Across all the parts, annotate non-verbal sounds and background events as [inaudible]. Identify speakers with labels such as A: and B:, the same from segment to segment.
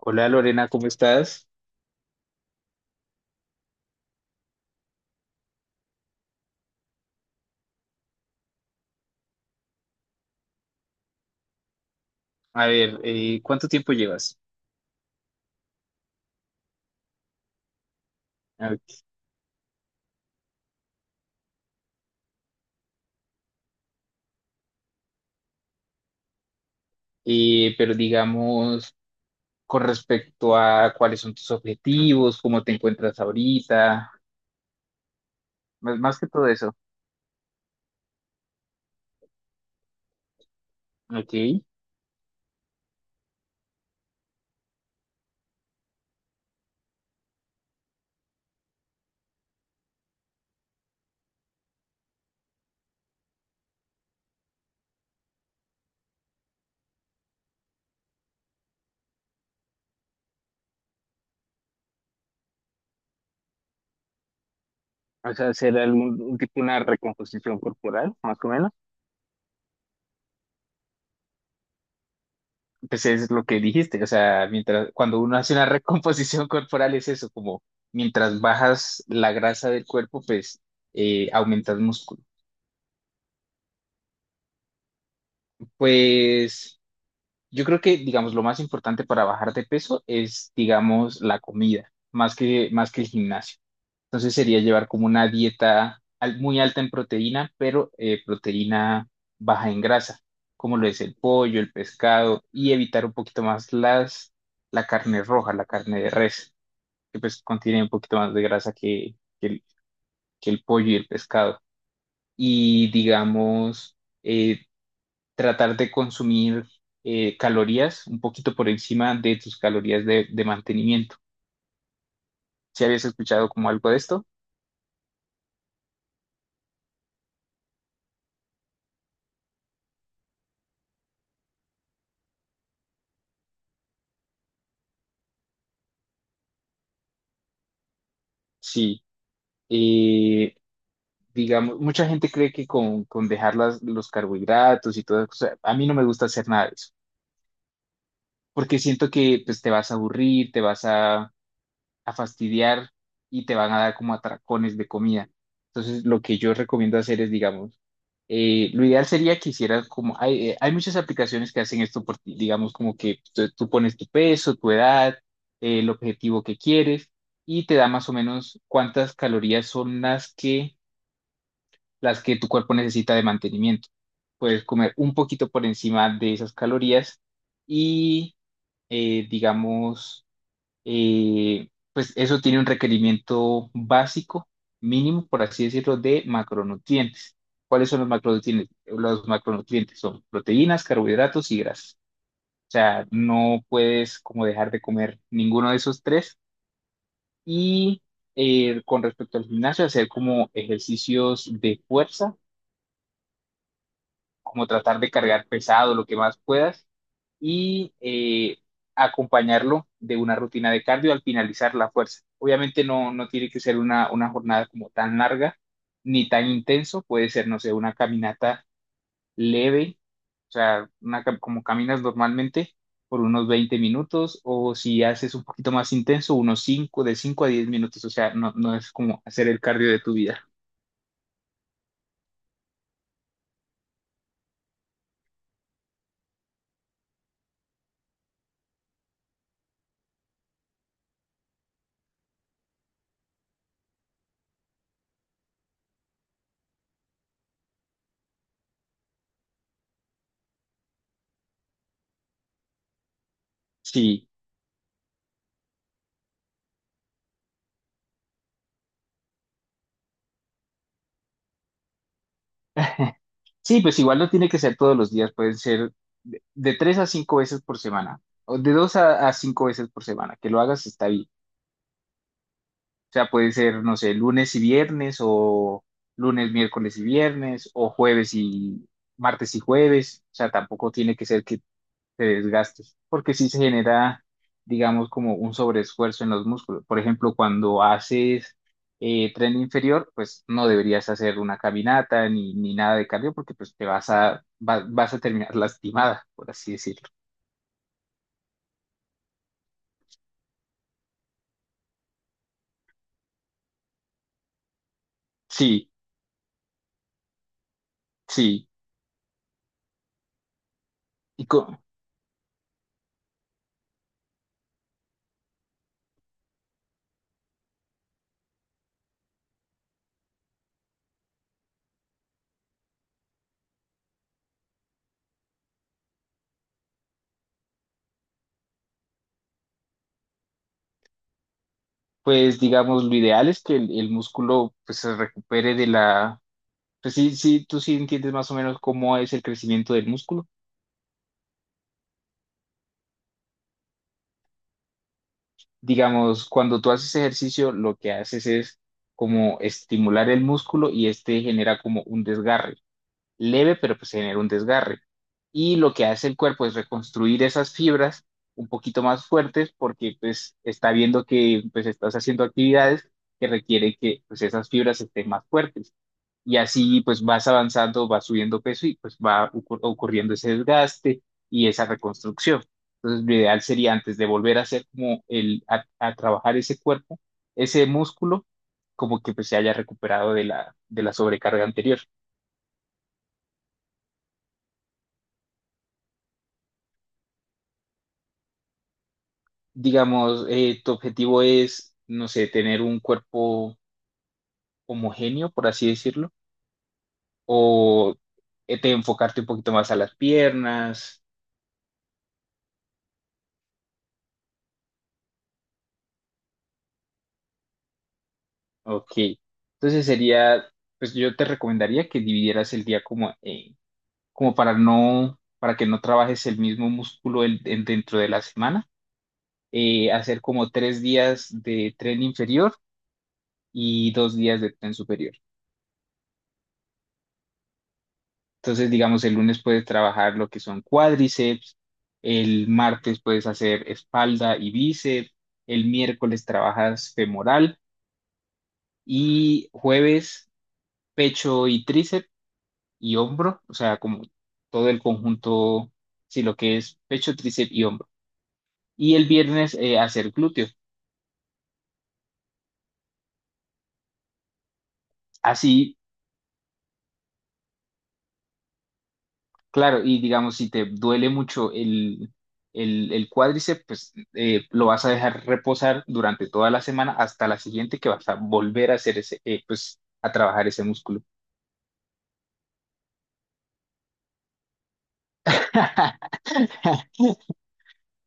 A: Hola Lorena, ¿cómo estás? A ver, ¿cuánto tiempo llevas? A Pero digamos, con respecto a cuáles son tus objetivos, cómo te encuentras ahorita, más que todo eso. Ok. O sea, hacer algún un tipo una recomposición corporal, más o menos. Pues es lo que dijiste, o sea, cuando uno hace una recomposición [laughs] corporal es eso, como mientras bajas la grasa del cuerpo, pues aumentas músculo. Pues. Yo creo que, digamos, lo más importante para bajar de peso es, digamos, la comida, más que el gimnasio. Entonces sería llevar como una dieta muy alta en proteína, pero proteína baja en grasa, como lo es el pollo, el pescado, y evitar un poquito más la carne roja, la carne de res, que pues contiene un poquito más de grasa que el pollo y el pescado. Y digamos, eh, tratar de consumir calorías un poquito por encima de tus calorías de mantenimiento. ¿Si habías escuchado como algo de esto? Sí. Eh, digamos, mucha gente cree que con dejar los carbohidratos y todas esas cosas, a mí no me gusta hacer nada de eso, porque siento que pues, te vas a aburrir, te vas a fastidiar y te van a dar como atracones de comida. Entonces, lo que yo recomiendo hacer es, digamos, lo ideal sería que hicieras como, hay muchas aplicaciones que hacen esto por ti, digamos, como que tú pones tu peso, tu edad, el objetivo que quieres y te da más o menos cuántas calorías son las que tu cuerpo necesita de mantenimiento. Puedes comer un poquito por encima de esas calorías y, digamos, pues eso tiene un requerimiento básico, mínimo, por así decirlo, de macronutrientes. ¿Cuáles son los macronutrientes? Los macronutrientes son proteínas, carbohidratos y grasas. O sea, no puedes como dejar de comer ninguno de esos tres. Y con respecto al gimnasio, hacer como ejercicios de fuerza, como tratar de cargar pesado lo que más puedas y acompañarlo de una rutina de cardio al finalizar la fuerza. Obviamente no tiene que ser una jornada como tan larga ni tan intenso, puede ser, no sé, una caminata leve, o sea, como caminas normalmente por unos 20 minutos o si haces un poquito más intenso, unos 5 de 5 a 10 minutos, o sea, no es como hacer el cardio de tu vida. Sí. [laughs] Sí, pues igual no tiene que ser todos los días, pueden ser de 3 a 5 veces por semana, o de dos a cinco veces por semana, que lo hagas está bien. O sea, puede ser, no sé, lunes y viernes, o lunes, miércoles y viernes, o jueves y martes y jueves. O sea, tampoco tiene que ser que de desgastes, porque sí se genera, digamos, como un sobreesfuerzo en los músculos. Por ejemplo, cuando haces tren inferior, pues no deberías hacer una caminata ni nada de cardio, porque pues te vas a terminar [laughs] lastimada, por así decirlo. Sí, sí. Y pues digamos, lo ideal es que el músculo pues se recupere de la. Pues sí, sí, tú sí entiendes más o menos cómo es el crecimiento del músculo. Digamos, cuando tú haces ejercicio, lo que haces es como estimular el músculo y este genera como un desgarre, leve, pero pues genera un desgarre. Y lo que hace el cuerpo es reconstruir esas fibras un poquito más fuertes porque pues está viendo que pues estás haciendo actividades que requieren que pues esas fibras estén más fuertes y así pues vas avanzando, vas subiendo peso y pues va ocurriendo ese desgaste y esa reconstrucción. Entonces, lo ideal sería antes de volver a hacer como a trabajar ese cuerpo, ese músculo, como que pues se haya recuperado de la sobrecarga anterior. Digamos, tu objetivo es, no sé, tener un cuerpo homogéneo, por así decirlo, o te enfocarte un poquito más a las piernas. Ok, entonces sería, pues yo te recomendaría que dividieras el día como, como para no, para que no trabajes el mismo músculo dentro de la semana, hacer como 3 días de tren inferior y 2 días de tren superior. Entonces, digamos, el lunes puedes trabajar lo que son cuádriceps, el martes puedes hacer espalda y bíceps, el miércoles trabajas femoral y jueves pecho y tríceps y hombro, o sea, como todo el conjunto, sí, lo que es pecho, tríceps y hombro. Y el viernes hacer glúteo. Así, claro, y digamos, si te duele mucho el cuádriceps, pues lo vas a dejar reposar durante toda la semana hasta la siguiente que vas a volver a hacer ese, pues, a trabajar ese músculo. [laughs]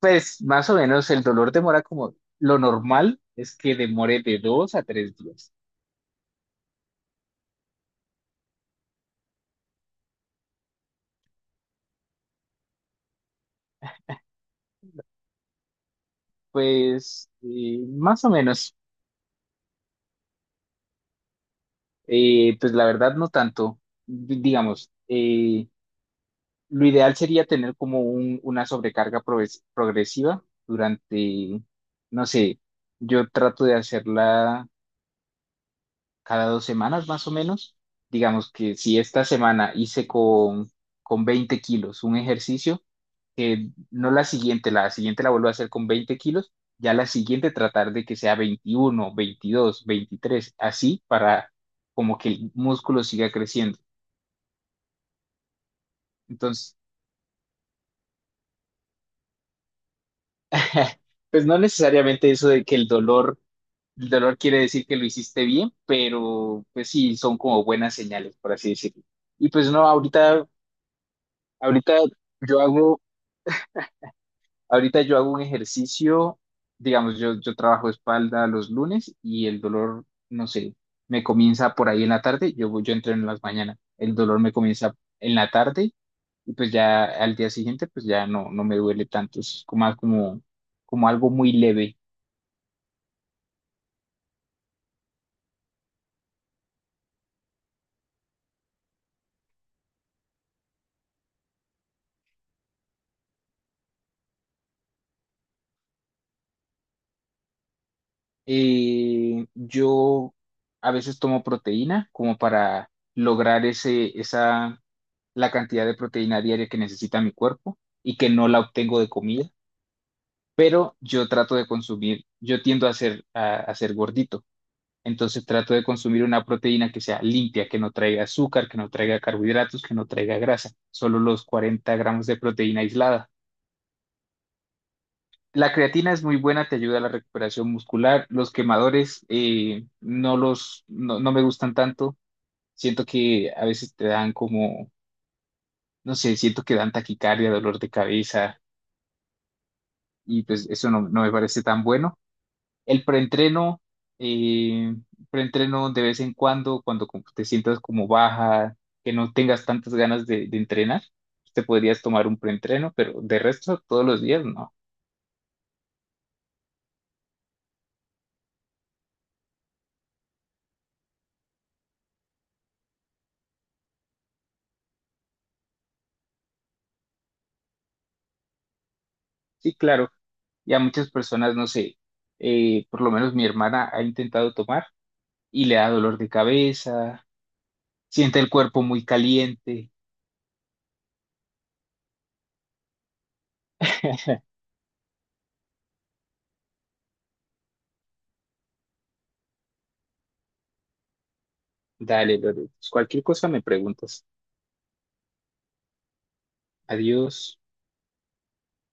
A: Pues más o menos el dolor demora como lo normal es que demore de 2 a 3 días. Pues más o menos. Pues la verdad no tanto. Digamos, lo ideal sería tener como una sobrecarga progresiva durante, no sé, yo trato de hacerla cada 2 semanas más o menos. Digamos que si esta semana hice con 20 kilos un ejercicio, que no la siguiente la vuelvo a hacer con 20 kilos, ya la siguiente tratar de que sea 21 22 23 así para como que el músculo siga creciendo. Entonces, [laughs] pues no necesariamente eso de que el dolor quiere decir que lo hiciste bien, pero pues sí, son como buenas señales, por así decirlo. Y pues no, ahorita yo hago, ahorita yo hago un ejercicio, digamos, yo trabajo espalda los lunes y el dolor, no sé, me comienza por ahí en la tarde, yo entreno en las mañanas, el dolor me comienza en la tarde y pues ya al día siguiente pues ya no me duele tanto, es como, más como algo muy leve. Yo a veces tomo proteína como para lograr ese, esa, la cantidad de proteína diaria que necesita mi cuerpo y que no la obtengo de comida. Yo trato de consumir, yo tiendo a ser, a ser gordito, entonces trato de consumir una proteína que sea limpia, que no traiga azúcar, que no traiga carbohidratos, que no traiga grasa, solo los 40 gramos de proteína aislada. La creatina es muy buena, te ayuda a la recuperación muscular. Los quemadores no los no, no me gustan tanto. Siento que a veces te dan como, no sé, siento que dan taquicardia, dolor de cabeza y pues eso no me parece tan bueno. El eh, preentreno de vez en cuando, cuando como te sientas como baja, que no tengas tantas ganas de entrenar, te podrías tomar un preentreno, pero de resto todos los días no. Sí, claro. Ya muchas personas, no sé, por lo menos mi hermana ha intentado tomar y le da dolor de cabeza, siente el cuerpo muy caliente. Dale, Lore. Pues cualquier cosa me preguntas. Adiós.